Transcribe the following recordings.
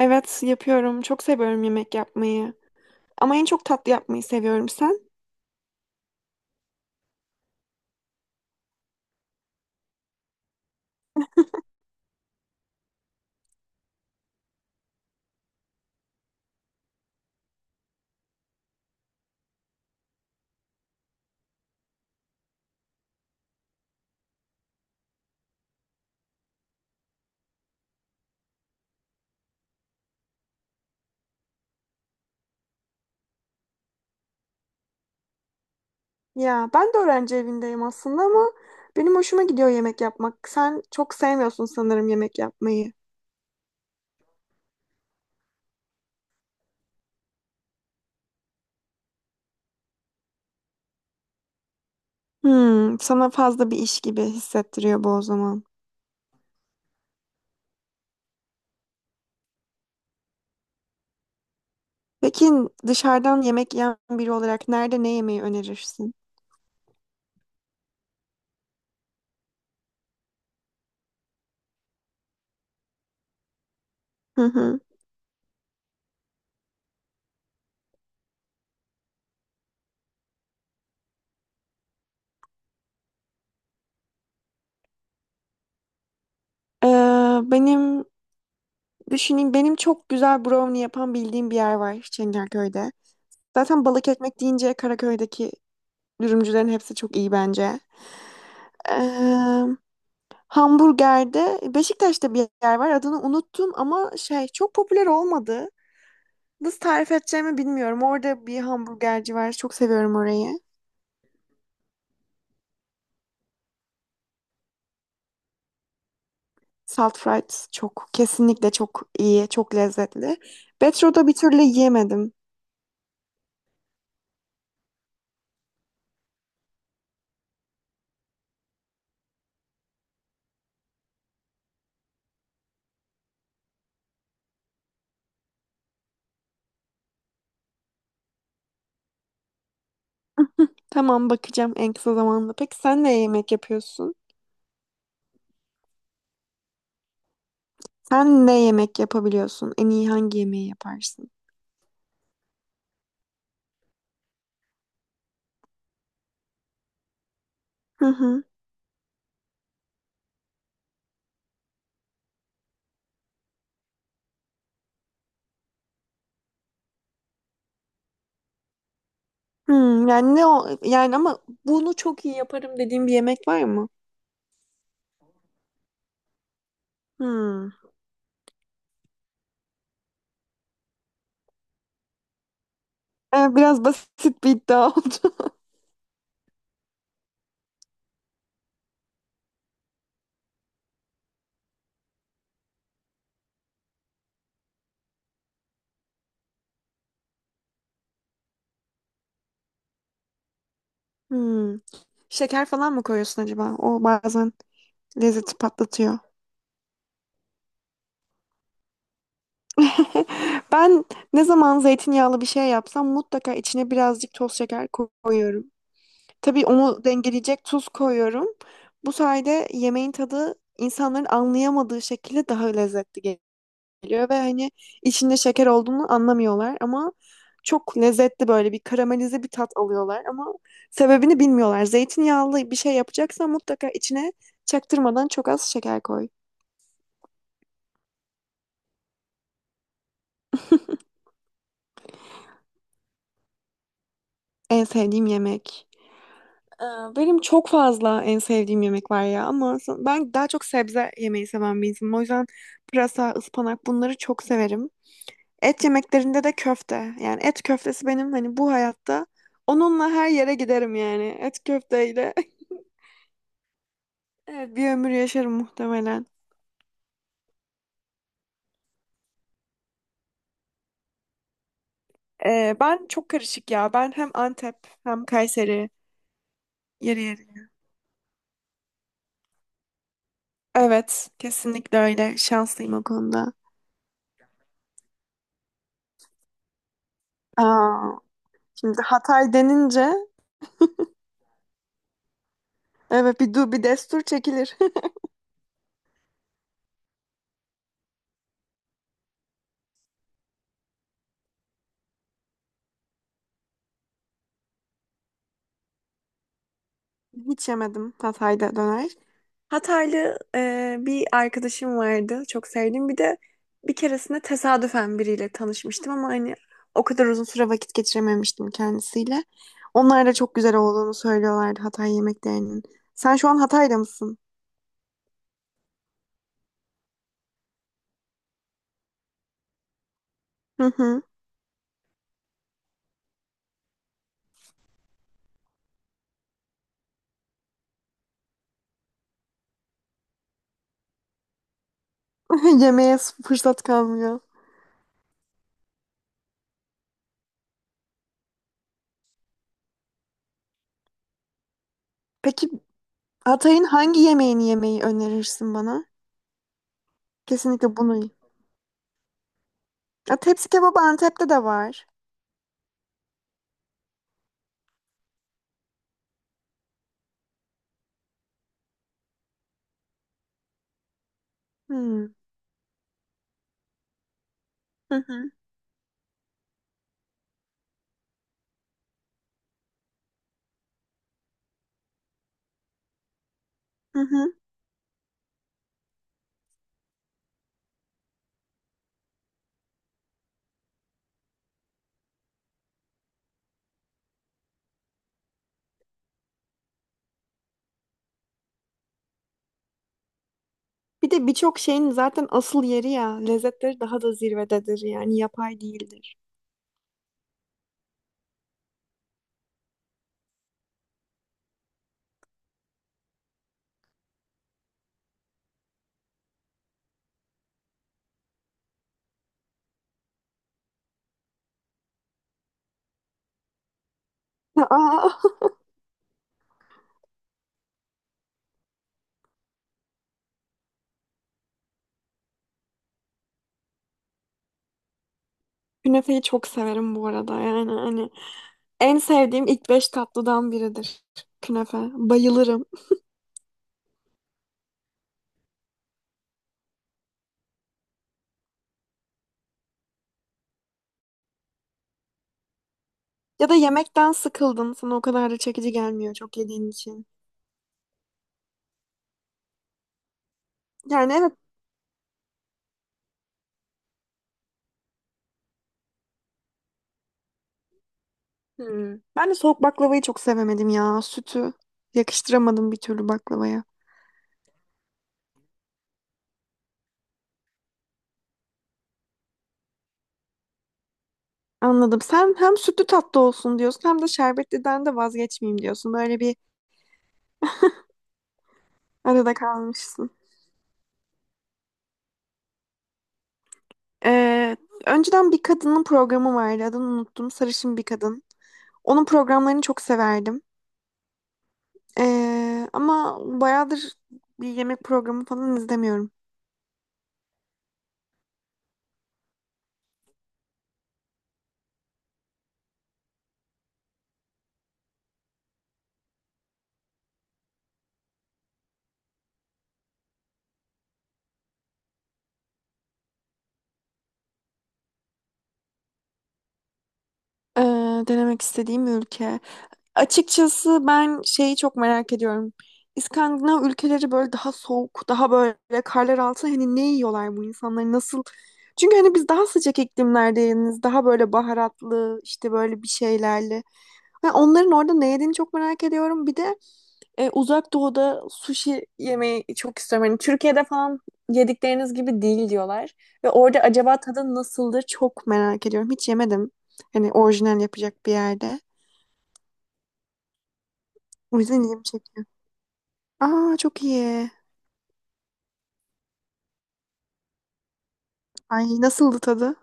Evet, yapıyorum. Çok seviyorum yemek yapmayı. Ama en çok tatlı yapmayı seviyorum. Sen? Ya ben de öğrenci evindeyim aslında ama benim hoşuma gidiyor yemek yapmak. Sen çok sevmiyorsun sanırım yemek yapmayı. Hmm, sana fazla bir iş gibi hissettiriyor bu o zaman. Peki dışarıdan yemek yiyen biri olarak nerede ne yemeyi önerirsin? Hı hı. Ee, benim Düşüneyim, benim çok güzel brownie yapan bildiğim bir yer var Çengelköy'de. Zaten balık ekmek deyince Karaköy'deki dürümcülerin hepsi çok iyi bence. Ee, Hamburgerde Beşiktaş'ta bir yer var, adını unuttum ama şey, çok popüler olmadı. Nasıl tarif edeceğimi bilmiyorum. Orada bir hamburgerci var. Çok seviyorum orayı. Salt fries çok, kesinlikle çok iyi, çok lezzetli. Betro'da bir türlü yiyemedim. Tamam, bakacağım en kısa zamanda. Peki sen ne yemek yapıyorsun? Sen ne yemek yapabiliyorsun? En iyi hangi yemeği yaparsın? Hı hı. Hmm, yani ne o yani, ama bunu çok iyi yaparım dediğim bir yemek var mı? Hmm. Biraz basit bir iddia oldu. Hmm. Şeker falan mı koyuyorsun acaba? O bazen lezzeti patlatıyor. Ben ne zaman zeytinyağlı bir şey yapsam mutlaka içine birazcık toz şeker koyuyorum. Tabii onu dengeleyecek tuz koyuyorum. Bu sayede yemeğin tadı insanların anlayamadığı şekilde daha lezzetli geliyor ve hani içinde şeker olduğunu anlamıyorlar ama çok lezzetli, böyle bir karamelize bir tat alıyorlar ama sebebini bilmiyorlar. Zeytinyağlı bir şey yapacaksan mutlaka içine çaktırmadan çok az şeker koy. En sevdiğim yemek. Ee, Benim çok fazla en sevdiğim yemek var ya ama ben daha çok sebze yemeyi seven bir insanım. O yüzden pırasa, ıspanak, bunları çok severim. Et yemeklerinde de köfte. Yani et köftesi, benim hani bu hayatta onunla her yere giderim yani. Et köfteyle evet, bir ömür yaşarım muhtemelen. Ben çok karışık ya. Ben hem Antep hem Kayseri yeri. Evet, kesinlikle öyle. Şanslıyım o konuda. Aa, şimdi Hatay denince evet, bir destur çekilir. Hiç yemedim Hatay'da döner. Hataylı bir arkadaşım vardı. Çok sevdiğim. Bir de bir keresinde tesadüfen biriyle tanışmıştım ama hani o kadar uzun süre vakit geçirememiştim kendisiyle. Onlar da çok güzel olduğunu söylüyorlardı Hatay yemeklerinin. Sen şu an Hatay'da mısın? Hı hı. Yemeğe fırsat kalmıyor. Peki Hatay'ın hangi yemeğini yemeyi önerirsin bana? Kesinlikle bunu. Ya, tepsi kebabı Antep'te de var. Hmm. Hı hı. Hı hı. Bir de birçok şeyin zaten asıl yeri ya. Lezzetleri daha da zirvededir yani, yapay değildir. Aa, künefeyi çok severim bu arada, yani hani en sevdiğim ilk beş tatlıdan biridir künefe. Bayılırım. Ya da yemekten sıkıldın, sana o kadar da çekici gelmiyor çok yediğin için. Yani evet. Hmm. Ben de soğuk baklavayı çok sevemedim ya, sütü yakıştıramadım bir türlü baklavaya. Anladım. Sen hem sütlü tatlı olsun diyorsun hem de şerbetliden de vazgeçmeyeyim diyorsun. Böyle bir arada kalmışsın. Ee, Önceden bir kadının programı vardı. Adını unuttum. Sarışın bir kadın. Onun programlarını çok severdim. Ama bayağıdır bir yemek programı falan izlemiyorum. Ee, Denemek istediğim ülke. Açıkçası ben şeyi çok merak ediyorum. İskandinav ülkeleri, böyle daha soğuk, daha böyle karlar altında, hani ne yiyorlar bu insanlar, nasıl? Çünkü hani biz daha sıcak iklimlerdeniz, daha böyle baharatlı, işte böyle bir şeylerle. Ha, onların orada ne yediğini çok merak ediyorum. Bir de Uzak Doğu'da sushi yemeyi çok istiyorum. Hani Türkiye'de falan yedikleriniz gibi değil diyorlar. Ve orada acaba tadı nasıldır çok merak ediyorum. Hiç yemedim. Hani orijinal yapacak bir yerde. O yüzden ilgimi çekiyor. Aa, çok iyi. Ay, nasıldı tadı?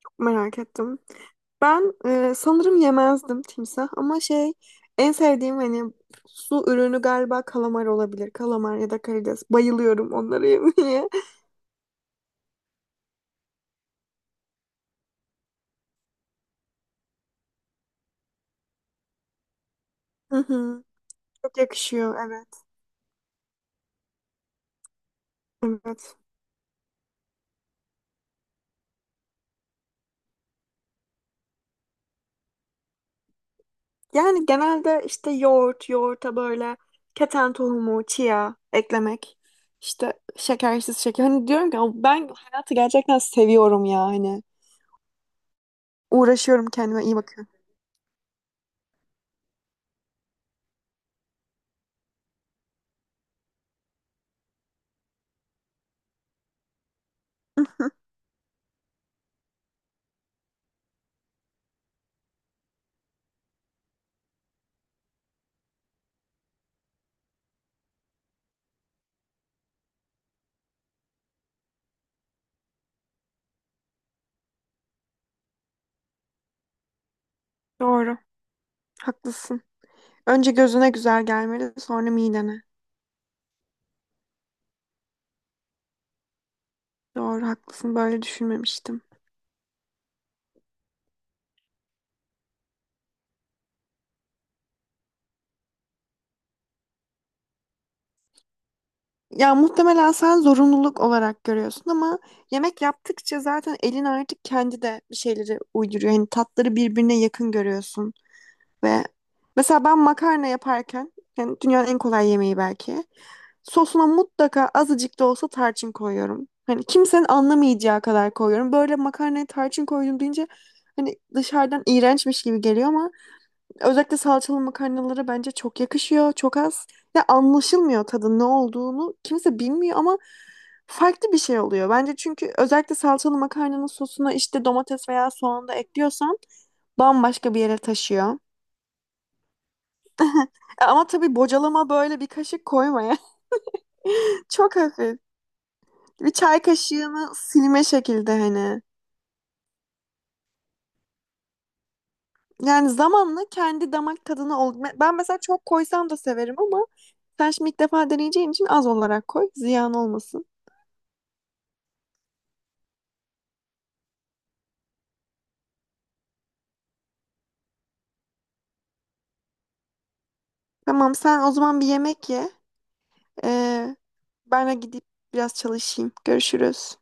Çok merak ettim. Ben sanırım yemezdim timsah ama şey, en sevdiğim hani su ürünü galiba kalamar olabilir. Kalamar ya da karides. Bayılıyorum onları yemeye. Hı hı. Çok yakışıyor, evet. Evet. Yani genelde işte yoğurt, yoğurta böyle keten tohumu, chia eklemek. İşte şekersiz şeker. Hani diyorum ki ben hayatı gerçekten seviyorum ya hani. Uğraşıyorum, kendime iyi bakıyorum. Doğru. Haklısın. Önce gözüne güzel gelmeli, sonra midene. Doğru, haklısın. Böyle düşünmemiştim. Ya muhtemelen sen zorunluluk olarak görüyorsun ama yemek yaptıkça zaten elin artık kendi de bir şeyleri uyduruyor. Hani tatları birbirine yakın görüyorsun ve mesela ben makarna yaparken, yani dünyanın en kolay yemeği belki, sosuna mutlaka azıcık da olsa tarçın koyuyorum. Hani kimsenin anlamayacağı kadar koyuyorum. Böyle makarnaya tarçın koydum deyince hani dışarıdan iğrençmiş gibi geliyor ama özellikle salçalı makarnalara bence çok yakışıyor. Çok az. Ya anlaşılmıyor tadın ne olduğunu. Kimse bilmiyor ama farklı bir şey oluyor. Bence çünkü özellikle salçalı makarnanın sosuna işte domates veya soğan da ekliyorsan bambaşka bir yere taşıyor. Ama tabii bocalama böyle bir kaşık koymaya. Çok hafif. Bir çay kaşığını silme şekilde hani. Yani zamanla kendi damak tadına ol. Ben mesela çok koysam da severim ama sen şimdi ilk defa deneyeceğin için az olarak koy. Ziyan olmasın. Tamam, sen o zaman bir yemek ye. Ee, Ben de gidip biraz çalışayım. Görüşürüz.